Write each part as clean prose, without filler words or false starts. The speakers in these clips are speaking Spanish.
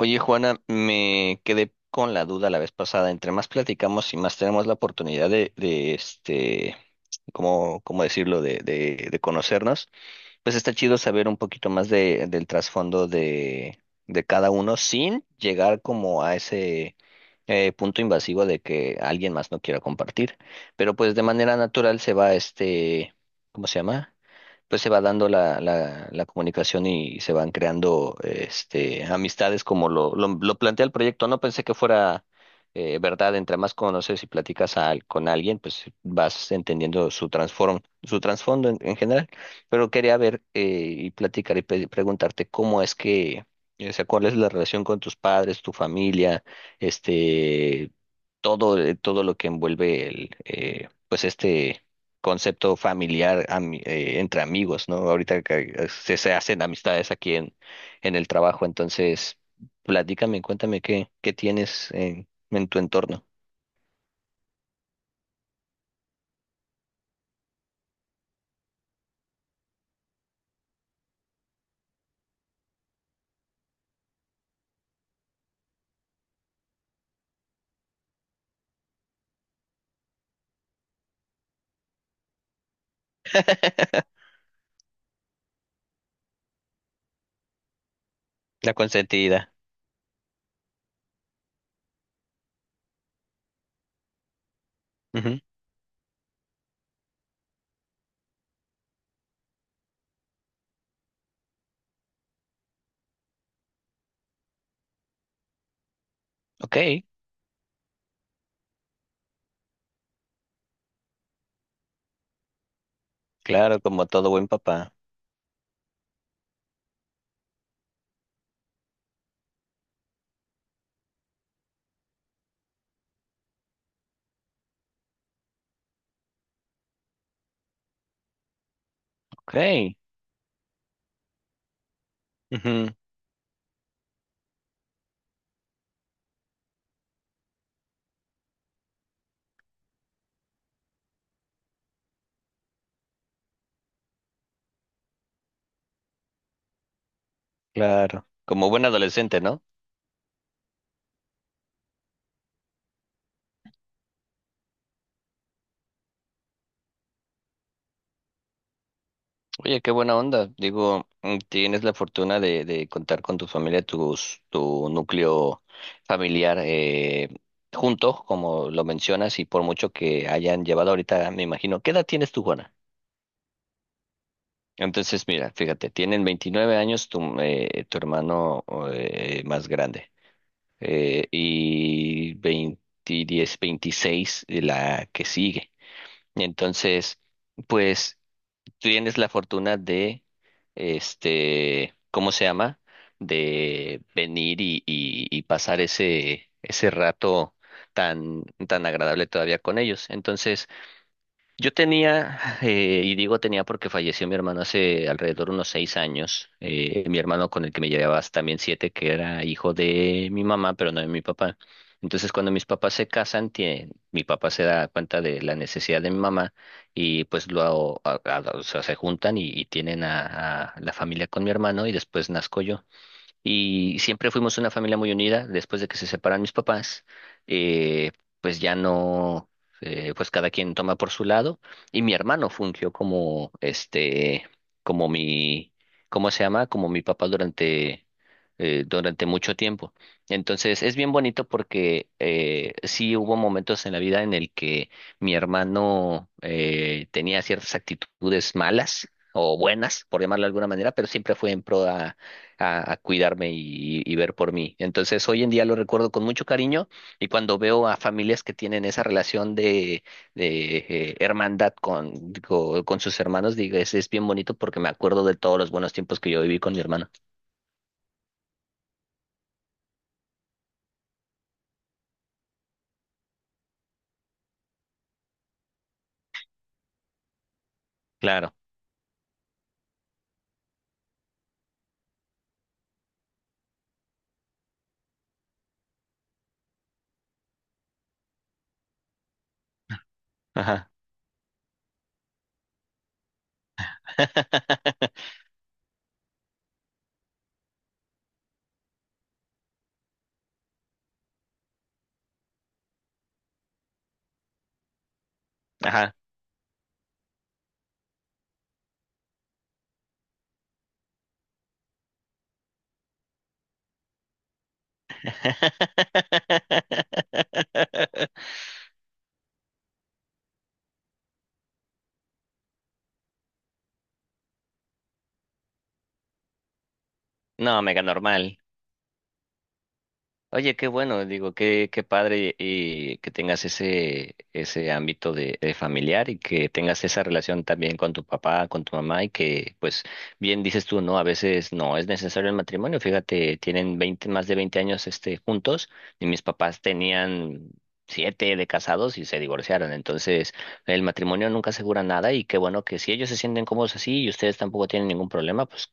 Oye, Juana, me quedé con la duda la vez pasada. Entre más platicamos y más tenemos la oportunidad de ¿cómo decirlo? De, de conocernos, pues está chido saber un poquito más de, del trasfondo de cada uno sin llegar como a ese punto invasivo de que alguien más no quiera compartir. Pero pues de manera natural se va ¿cómo se llama? Pues se va dando la comunicación y se van creando este, amistades como lo plantea el proyecto. No pensé que fuera verdad, entre más conoces y platicas con alguien, pues vas entendiendo su su trasfondo en general. Pero quería ver y platicar y preguntarte cómo es que, o sea, cuál es la relación con tus padres, tu familia, este, todo, todo lo que envuelve el, pues este concepto familiar entre amigos, ¿no? Ahorita que se hacen amistades aquí en el trabajo, entonces platícame, cuéntame qué, qué tienes en tu entorno. La consentida. Ujú. Ok, claro, como todo buen papá. Ok, ujú, claro, como buen adolescente, ¿no? Oye, qué buena onda. Digo, tienes la fortuna de contar con tu familia, tus, tu núcleo familiar junto, como lo mencionas, y por mucho que hayan llevado ahorita, me imagino. ¿Qué edad tienes tú, Juana? Entonces, mira, fíjate, tienen 29 años tu, tu hermano más grande y 20, 10, 26 la que sigue. Entonces, pues tienes la fortuna de, ¿cómo se llama? De venir y pasar ese, ese rato tan, tan agradable todavía con ellos. Entonces, yo tenía, y digo tenía porque falleció mi hermano hace alrededor de unos 6 años, mi hermano con el que me llevaba también siete, que era hijo de mi mamá, pero no de mi papá. Entonces, cuando mis papás se casan, mi papá se da cuenta de la necesidad de mi mamá y pues o sea, se juntan y tienen a la familia con mi hermano y después nazco yo. Y siempre fuimos una familia muy unida. Después de que se separan mis papás, eh, pues ya no, pues cada quien toma por su lado. Y mi hermano fungió como, como mi, ¿cómo se llama? Como mi papá durante, durante mucho tiempo. Entonces es bien bonito porque sí hubo momentos en la vida en el que mi hermano tenía ciertas actitudes malas o buenas, por llamarlo de alguna manera, pero siempre fue en pro a cuidarme y ver por mí. Entonces, hoy en día lo recuerdo con mucho cariño y cuando veo a familias que tienen esa relación de, de hermandad con, digo, con sus hermanos, digo, es bien bonito porque me acuerdo de todos los buenos tiempos que yo viví con mi hermano. Claro. Ajá. Ajá. No, mega normal. Oye, qué bueno, digo, qué, qué padre y que tengas ese, ese ámbito de familiar y que tengas esa relación también con tu papá, con tu mamá y que, pues, bien dices tú, ¿no? A veces no es necesario el matrimonio. Fíjate, tienen 20, más de 20 años, este, juntos y mis papás tenían siete de casados y se divorciaron. Entonces, el matrimonio nunca asegura nada y qué bueno que si ellos se sienten cómodos así y ustedes tampoco tienen ningún problema, pues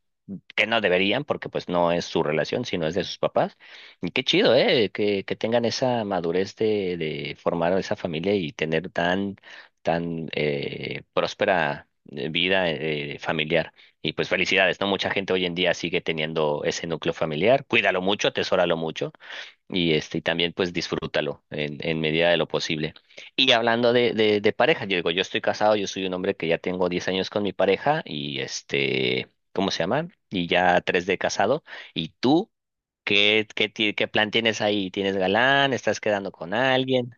que no deberían porque pues no es su relación, sino es de sus papás. Y qué chido, ¿eh? Que tengan esa madurez de formar esa familia y tener tan, tan próspera vida familiar. Y pues felicidades, ¿no? Mucha gente hoy en día sigue teniendo ese núcleo familiar. Cuídalo mucho, atesóralo mucho y este, y también pues disfrútalo en medida de lo posible. Y hablando de, de pareja, yo digo, yo estoy casado, yo soy un hombre que ya tengo 10 años con mi pareja y este, ¿cómo se llama? Y ya 3 de casado. ¿Y tú qué, qué, qué plan tienes ahí? ¿Tienes galán? ¿Estás quedando con alguien?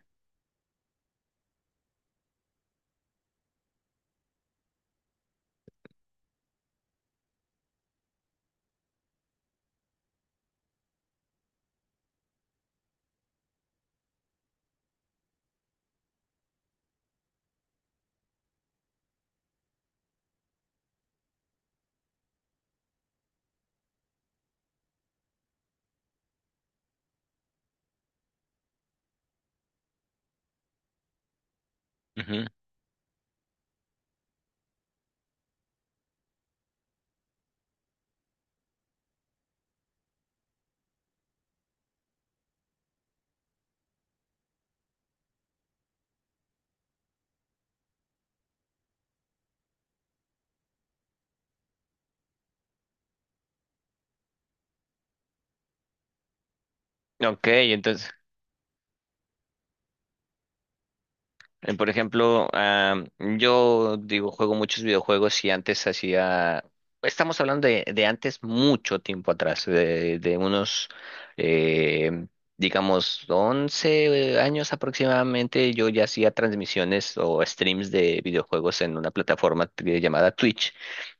Ujú. Ok, entonces por ejemplo, ah, yo digo, juego muchos videojuegos y antes hacía, estamos hablando de antes mucho tiempo atrás, de unos, eh, digamos, 11 años aproximadamente, yo ya hacía transmisiones o streams de videojuegos en una plataforma llamada Twitch,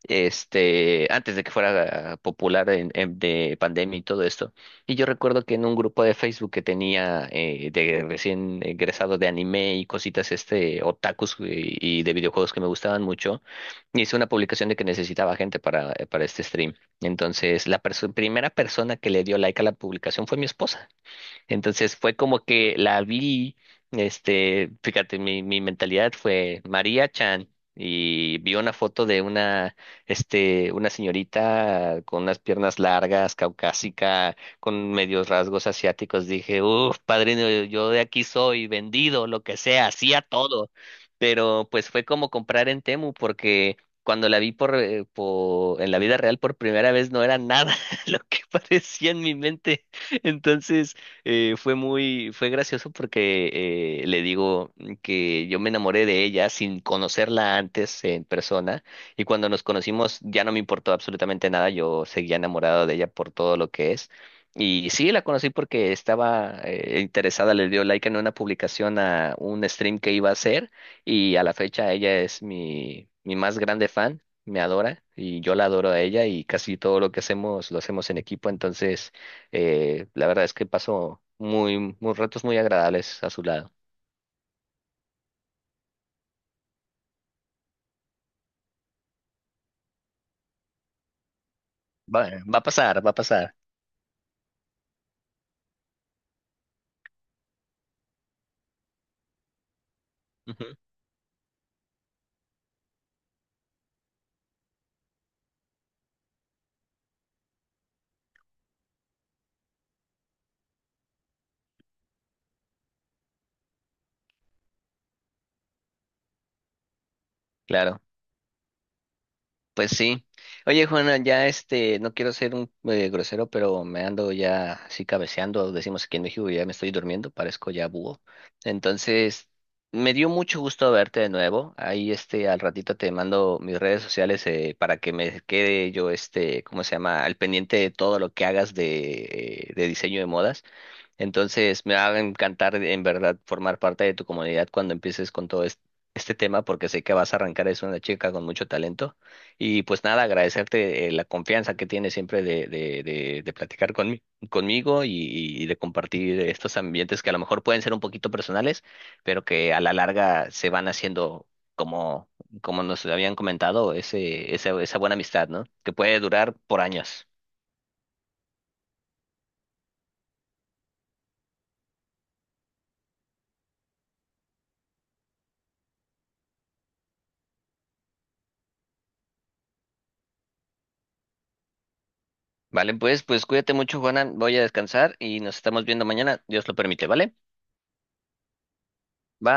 este, antes de que fuera popular en, de pandemia y todo esto. Y yo recuerdo que en un grupo de Facebook que tenía de recién egresado de anime y cositas este otakus y de videojuegos que me gustaban mucho, hice una publicación de que necesitaba gente para este stream. Entonces, la primera persona que le dio like a la publicación fue mi esposa. Entonces fue como que la vi, este, fíjate, mi mentalidad fue María Chan y vi una foto de una, este, una señorita con unas piernas largas, caucásica, con medios rasgos asiáticos. Dije, uff, padrino, yo de aquí soy, vendido, lo que sea, hacía todo. Pero pues fue como comprar en Temu porque... Cuando la vi por, en la vida real por primera vez no era nada lo que parecía en mi mente. Entonces, fue muy, fue gracioso porque le digo que yo me enamoré de ella sin conocerla antes en persona y cuando nos conocimos ya no me importó absolutamente nada, yo seguía enamorado de ella por todo lo que es. Y sí, la conocí porque estaba interesada, le dio like en una publicación a un stream que iba a hacer y a la fecha ella es mi, mi más grande fan, me adora y yo la adoro a ella y casi todo lo que hacemos lo hacemos en equipo, entonces... La verdad es que pasó muy, muy ratos muy agradables a su lado. Va, va a pasar, va a pasar. Ujú. Claro, pues sí. Oye, Juana, ya este, no quiero ser un grosero, pero me ando ya así cabeceando, decimos aquí en México, ya me estoy durmiendo, parezco ya búho. Entonces, me dio mucho gusto verte de nuevo. Ahí este, al ratito te mando mis redes sociales para que me quede yo este, ¿cómo se llama? Al pendiente de todo lo que hagas de diseño de modas. Entonces, me va a encantar en verdad formar parte de tu comunidad cuando empieces con todo este, este tema, porque sé que vas a arrancar, es una chica con mucho talento. Y pues nada, agradecerte la confianza que tienes siempre de platicar conmigo y de compartir estos ambientes que a lo mejor pueden ser un poquito personales, pero que a la larga se van haciendo como, como nos habían comentado, ese, esa buena amistad, ¿no? Que puede durar por años. Vale, pues, pues cuídate mucho, Juana. Voy a descansar y nos estamos viendo mañana. Dios lo permite, ¿vale? Bye.